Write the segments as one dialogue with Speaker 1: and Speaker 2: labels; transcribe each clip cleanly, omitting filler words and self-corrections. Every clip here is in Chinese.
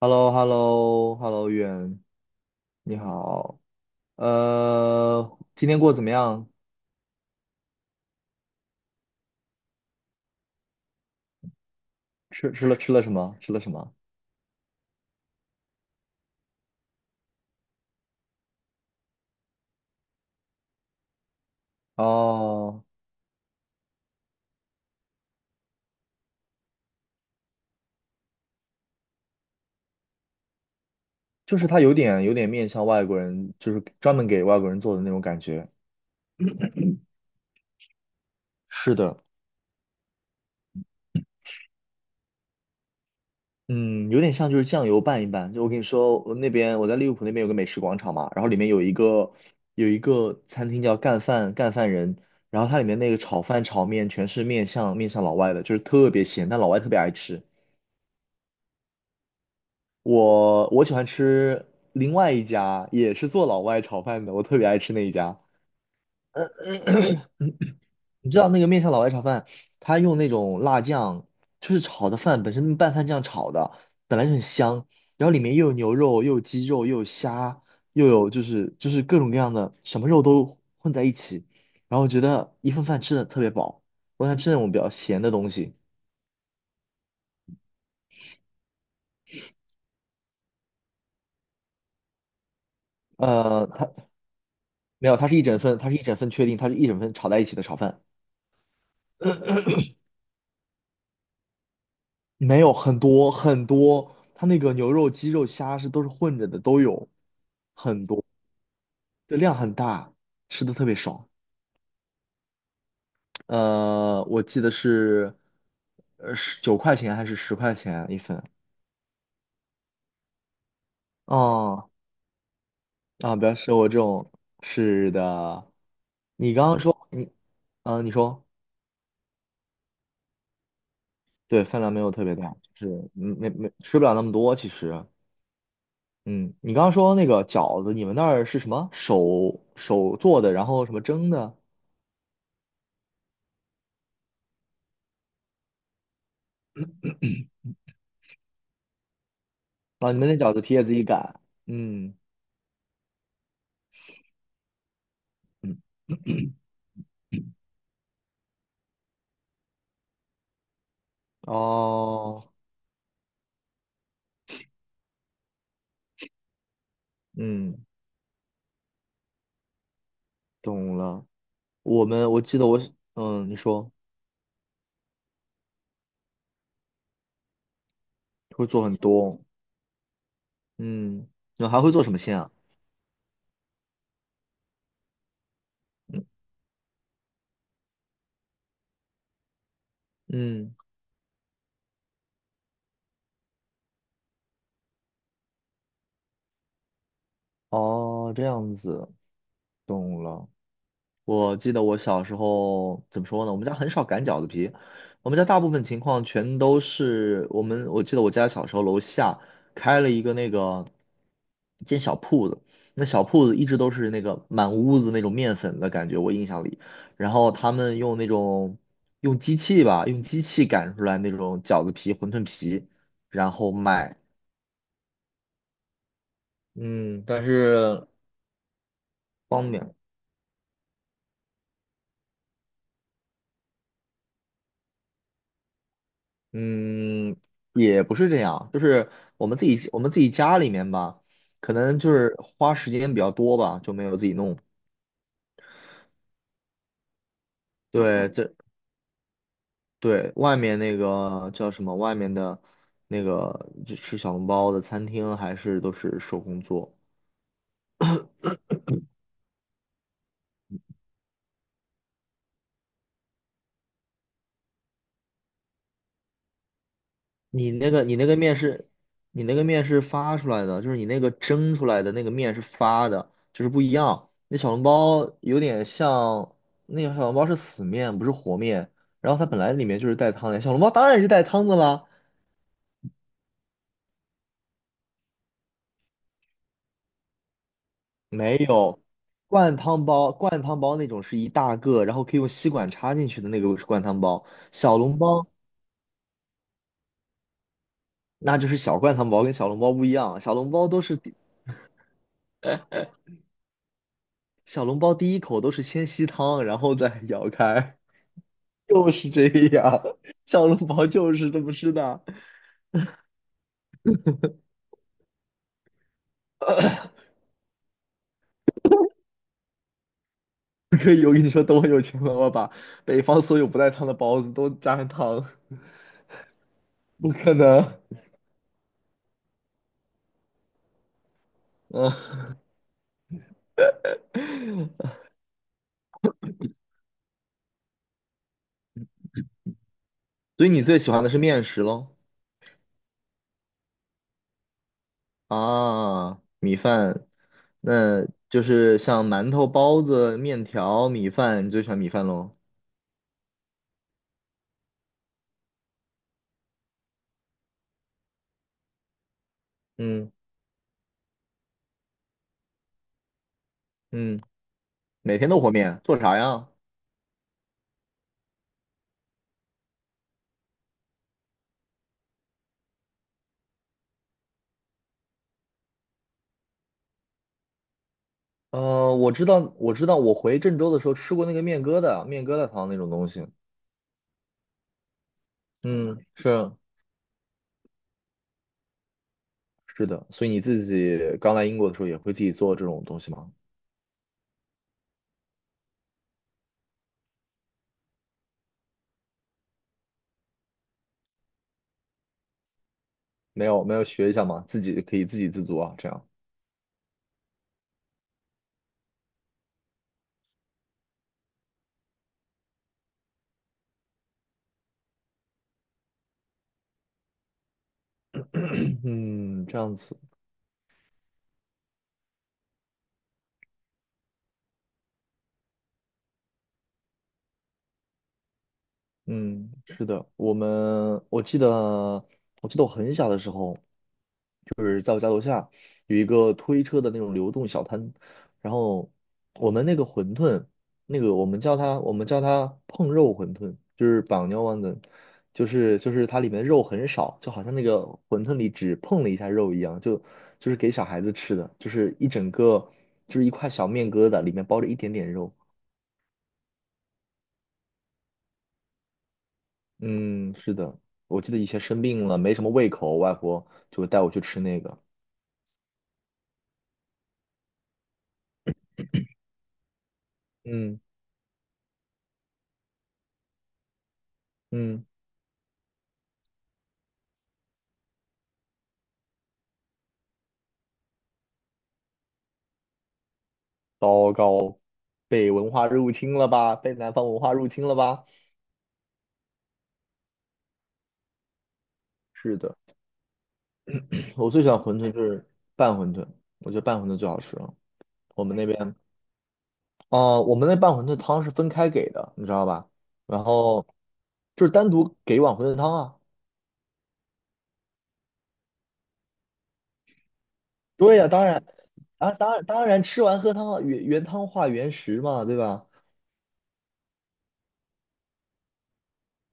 Speaker 1: h e l l o h e l l o h e l l o 远，你好。今天过得怎么样？吃了什么？吃了什么？哦，就是它有点面向外国人，就是专门给外国人做的那种感觉。是的，嗯，有点像就是酱油拌一拌。就我跟你说，我那边我在利物浦那边有个美食广场嘛，然后里面有一个餐厅叫干饭人，然后它里面那个炒饭炒面全是面向老外的，就是特别咸，但老外特别爱吃。我喜欢吃另外一家，也是做老外炒饭的，我特别爱吃那一家。你知道那个面向老外炒饭，他用那种辣酱，就是炒的饭本身拌饭酱炒的，本来就很香，然后里面又有牛肉，又有鸡肉，又有虾，又有就是各种各样的什么肉都混在一起，然后我觉得一份饭吃的特别饱。我想吃那种比较咸的东西，它没有，它是一整份，它是一整份确定，它是一整份炒在一起的炒饭。没有很多很多，它那个牛肉、鸡肉、虾是都是混着的，都有，这量很大，吃的特别爽。我记得是，十九块钱还是十块钱一份？哦，啊，不要吃我这种。是的，你刚刚说你，啊，你说对，饭量没有特别大，就是嗯没吃不了那么多。其实，嗯，你刚刚说那个饺子，你们那儿是什么手做的，然后什么蒸的？哦，你们那饺子皮也自己擀？嗯嗯，哦，嗯，懂了。我记得我是嗯，你说会做很多，嗯，你还会做什么馅啊？嗯，哦，这样子，懂了。我记得我小时候怎么说呢？我们家很少擀饺子皮，我们家大部分情况全都是我们。我记得我家小时候楼下开了一个那个一间小铺子，那小铺子一直都是那个满屋子那种面粉的感觉，我印象里。然后他们用那种用机器吧，用机器擀出来那种饺子皮、馄饨皮，然后卖。嗯，但是。方便。嗯，也不是这样，就是我们自己家里面吧，可能就是花时间比较多吧，就没有自己弄。对，嗯这对外面那个叫什么？外面的那个就吃小笼包的餐厅还是都是手工做。你那个面是，你那个面是发出来的，就是你那个蒸出来的那个面是发的，就是不一样。那小笼包有点像，那个小笼包是死面，不是活面。然后它本来里面就是带汤的，小笼包当然是带汤的啦。没有，灌汤包，灌汤包那种是一大个，然后可以用吸管插进去的那个是灌汤包。小笼包那就是小灌汤包，跟小笼包不一样。小笼包都是小笼包第一口都是先吸汤，然后再 咬开。就是这样，小笼包就是这么吃的。可以，我跟你说，等我有钱了，我把北方所有不带汤的包子都加上汤。不可能，嗯，所以你最喜欢的是面食喽？啊，米饭，那就是像馒头、包子、面条、米饭，你最喜欢米饭喽？嗯嗯，每天都和面，做啥呀？我知道，我知道，我回郑州的时候吃过那个面疙瘩、面疙瘩汤那种东西。嗯，是。是的，所以你自己刚来英国的时候也会自己做这种东西吗？没有，没有学一下吗？自己可以自给自足啊，这样。嗯，这样子。嗯，是的，我记得，我记得我很小的时候，有一个推车的那种流动小摊，然后我们那个馄饨，那个我们叫它碰肉馄饨，就是绑牛丸的，就是它里面肉很少，就好像那个馄饨里只碰了一下肉一样，就就是给小孩子吃的，就是一整个就是一块小面疙瘩，里面包着一点点肉。嗯，是的，我记得以前生病了，没什么胃口，我外婆就会带我去吃那个。嗯嗯。糟糕，被文化入侵了吧？被南方文化入侵了吧？是的，我最喜欢馄饨就是拌馄饨，我觉得拌馄饨最好吃了。我们那边，哦、我们那拌馄饨汤是分开给的，你知道吧？然后就是单独给一碗馄饨汤啊。对呀、当然，啊，当然，当然吃完喝汤了，原汤化原食嘛，对吧？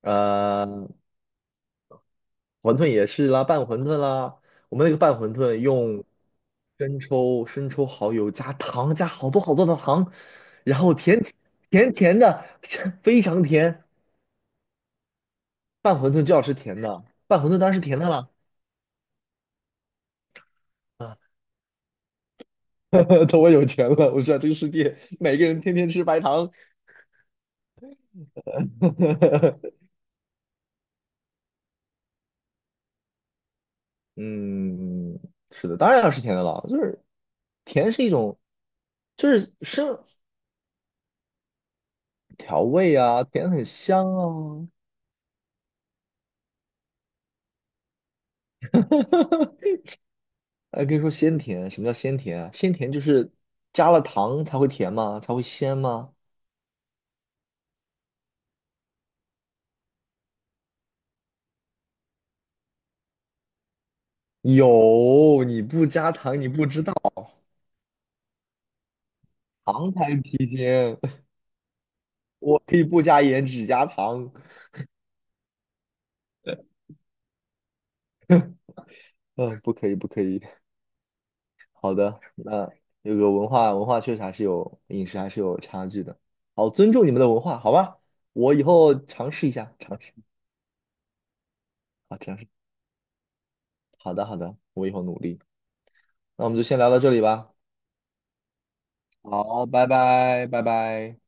Speaker 1: 呃，馄饨也是啦，拌馄饨啦。我们那个拌馄饨用生抽、蚝油加糖，加好多好多的糖，然后甜甜的，非常甜。拌馄饨就要吃甜的，拌馄饨当然是甜的啦。啊，等我有钱了，我知道这个世界每个人天天吃白糖。嗯，是的，当然要吃甜的了，就是甜是一种，就是生调味啊，甜很香啊，哎，可以说鲜甜。什么叫鲜甜啊？鲜甜就是加了糖才会甜吗？才会鲜吗？有，你不加糖你不知道，糖才是提鲜。我可以不加盐，只加糖。嗯，不可以，不可以。好的，那有个文化确实还是有饮食还是有差距的。好，尊重你们的文化，好吧？我以后尝试一下，尝试，好，尝试。好的，好的，我以后努力。那我们就先聊到这里吧。好，拜拜，拜拜。